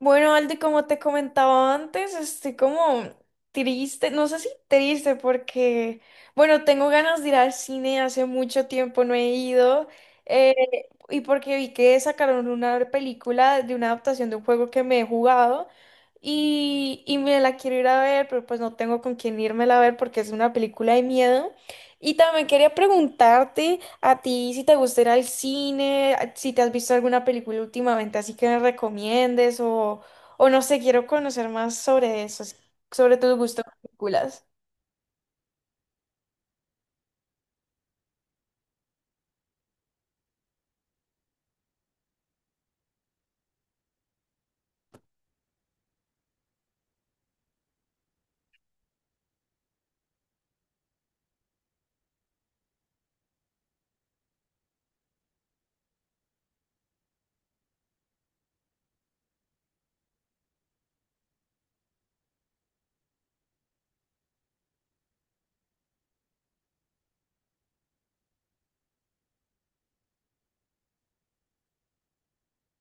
Bueno, Aldi, como te comentaba antes, estoy como triste. No sé si triste porque, bueno, tengo ganas de ir al cine, hace mucho tiempo no he ido. eh, y porque vi que sacaron una película de una adaptación de un juego que me he jugado, y me la quiero ir a ver, pero pues no tengo con quién irme a ver porque es una película de miedo. Y también quería preguntarte. A ti, si te gusta ir al cine, si te has visto alguna película últimamente, así que me recomiendes, o no sé, quiero conocer más sobre eso, sobre tus gustos de películas.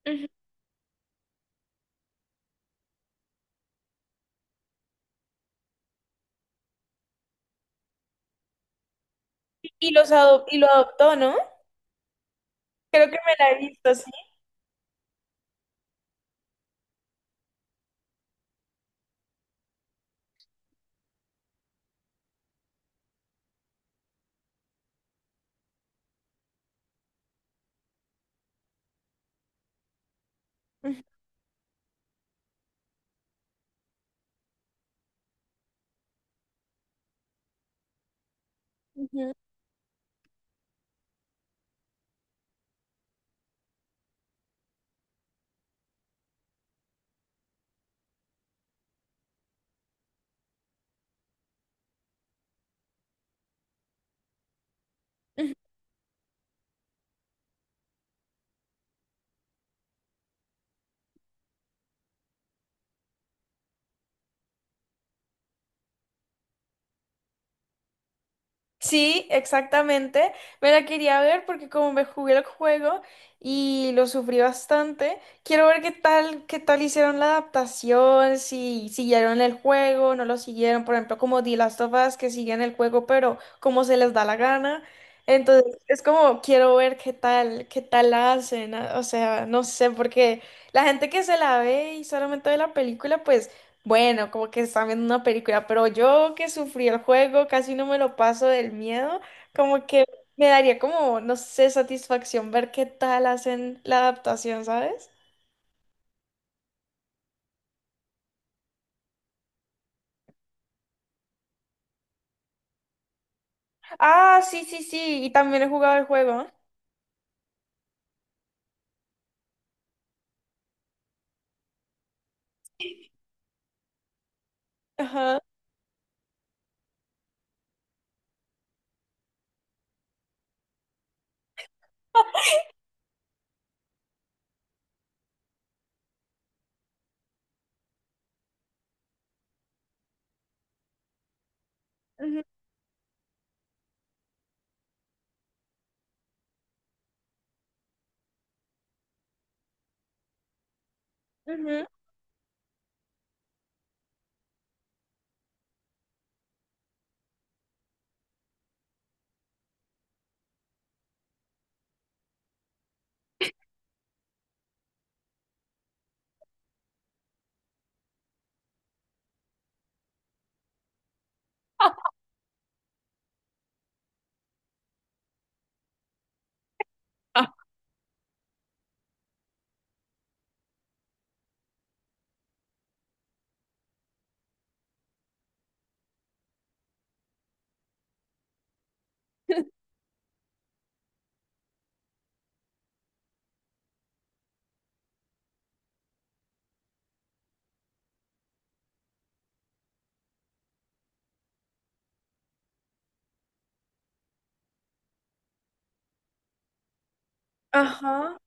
Ujú. Y lo adoptó, ¿no? Creo que me la he visto, sí. Ujú. Sí, exactamente. Me la quería ver porque como me jugué el juego y lo sufrí bastante, quiero ver qué tal hicieron la adaptación, si siguieron el juego, no lo siguieron, por ejemplo, como The Last of Us, que siguen el juego, pero como se les da la gana. Entonces, es como quiero ver qué tal la hacen. Ah, o sea, no sé, porque la gente que se la ve y solamente ve la película, pues bueno, como que están viendo una película, pero yo que sufrí el juego, casi no me lo paso del miedo, como que me daría como, no sé, satisfacción ver qué tal hacen la adaptación, ¿sabes? Ah, sí, sí, sí, y también he jugado el juego. Ajá. Ujú, ujú. Ajá.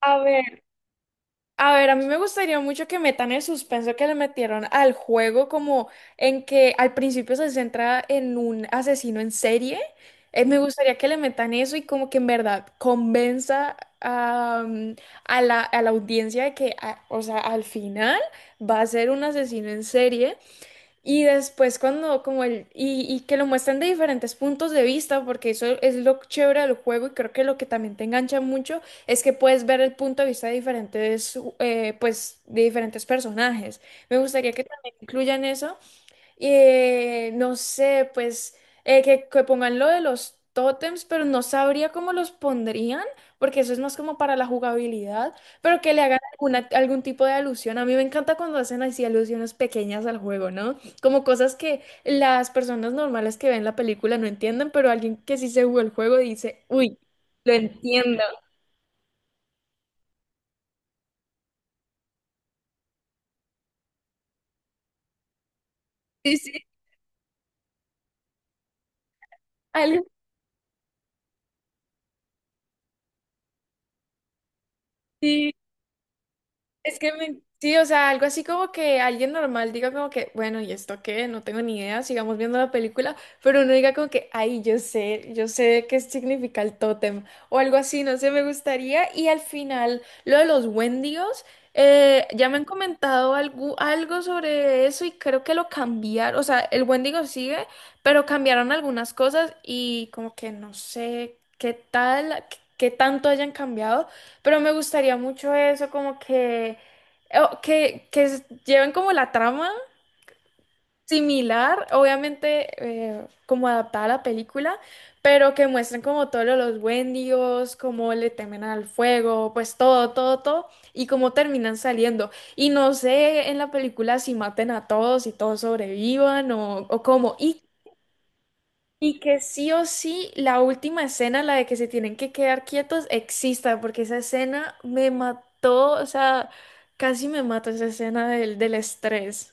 A ver. A ver, a mí me gustaría mucho que metan el suspenso que le metieron al juego, como en que al principio se centra en un asesino en serie. Me gustaría que le metan eso y como que en verdad convenza a, a la audiencia de que, o sea, al final va a ser un asesino en serie. Y después cuando como y que lo muestran de diferentes puntos de vista, porque eso es lo chévere del juego y creo que lo que también te engancha mucho es que puedes ver el punto de vista de diferentes, pues, de diferentes personajes. Me gustaría que también incluyan eso. No sé, pues, que pongan lo de los tótems, pero no sabría cómo los pondrían, porque eso es más como para la jugabilidad, pero que le hagan algún tipo de alusión. A mí me encanta cuando hacen así alusiones pequeñas al juego, ¿no? Como cosas que las personas normales que ven la película no entienden, pero alguien que sí se jugó el juego dice, uy, lo entiendo. Sí, sí. Algo así. Es que sí, o sea, algo así como que alguien normal diga como que, bueno, ¿y esto qué? No tengo ni idea, sigamos viendo la película, pero uno diga como que, ay, yo sé qué significa el tótem, o algo así, no sé, me gustaría. Y al final, lo de los Wendigos. Ya me han comentado algo, algo sobre eso y creo que lo cambiaron. O sea, el Wendigo sigue, pero cambiaron algunas cosas y como que no sé qué tal, qué tanto hayan cambiado. Pero me gustaría mucho eso, como que, lleven como la trama similar, obviamente, como adaptada a la película, pero que muestren como todos los Wendigos, cómo le temen al fuego, pues todo, todo, todo, y cómo terminan saliendo. Y no sé en la película si maten a todos y todos sobrevivan, o cómo. Y que sí o sí la última escena, la de que se tienen que quedar quietos, exista, porque esa escena me mató. O sea, casi me mató esa escena del estrés.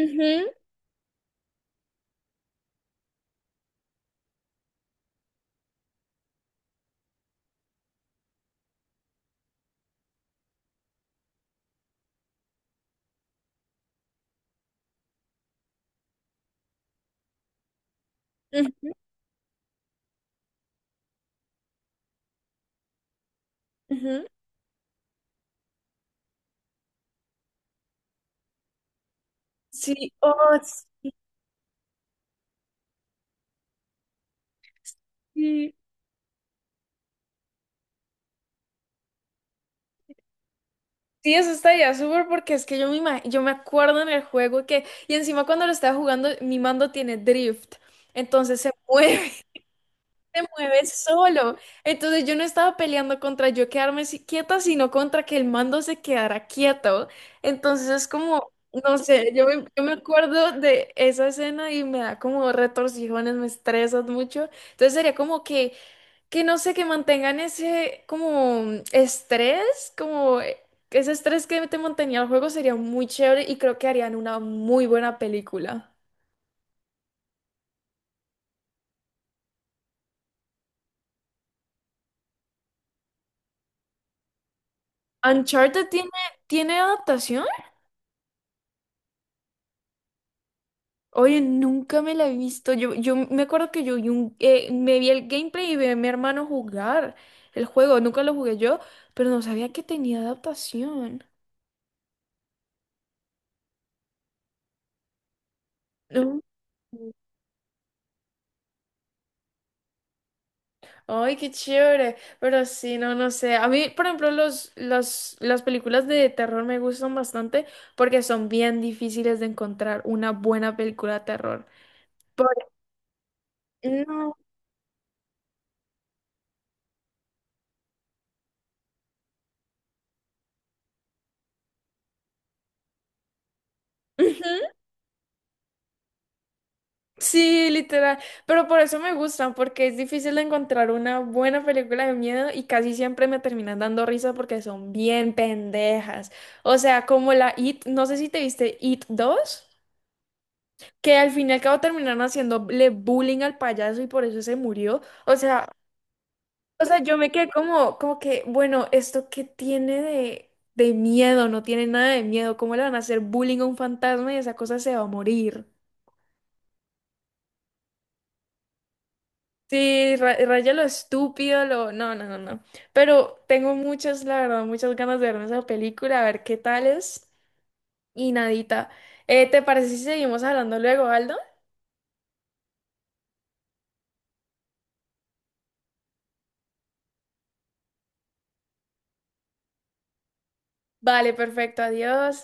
Ujú, ujú, ujú. Sí, oh, sí. Sí, eso estaría súper porque es que yo me acuerdo en el juego que, y encima cuando lo estaba jugando, mi mando tiene drift, entonces se mueve. Te mueves solo. Entonces yo no estaba peleando contra yo quedarme quieta, sino contra que el mando se quedara quieto. Entonces es como, no sé, yo me acuerdo de esa escena y me da como retorcijones, me estresas mucho. Entonces sería como que, no sé, que mantengan ese como estrés, como ese estrés que te mantenía el juego sería muy chévere y creo que harían una muy buena película. Uncharted tiene adaptación. Oye, nunca me la he visto. Yo me acuerdo que yo vi me vi el gameplay y vi a mi hermano jugar el juego. Nunca lo jugué yo, pero no sabía que tenía adaptación. No. Ay, qué chévere. Pero sí, no, no sé. A mí, por ejemplo, las películas de terror me gustan bastante porque son bien difíciles de encontrar una buena película de terror. Por- No. Sí, literal. Pero por eso me gustan, porque es difícil encontrar una buena película de miedo y casi siempre me terminan dando risa porque son bien pendejas. O sea, como la It, no sé si te viste It 2, que al fin y al cabo terminaron haciéndole bullying al payaso y por eso se murió. O sea, o sea, yo me quedé como, como que, bueno, ¿esto qué tiene de miedo? No tiene nada de miedo. ¿Cómo le van a hacer bullying a un fantasma y esa cosa se va a morir? Sí, raya lo estúpido, lo... No, no, no, no. Pero tengo muchas, la verdad, muchas ganas de verme esa película, a ver qué tal es. Y nadita. ¿Te parece si seguimos hablando luego, Aldo? Vale, perfecto, adiós.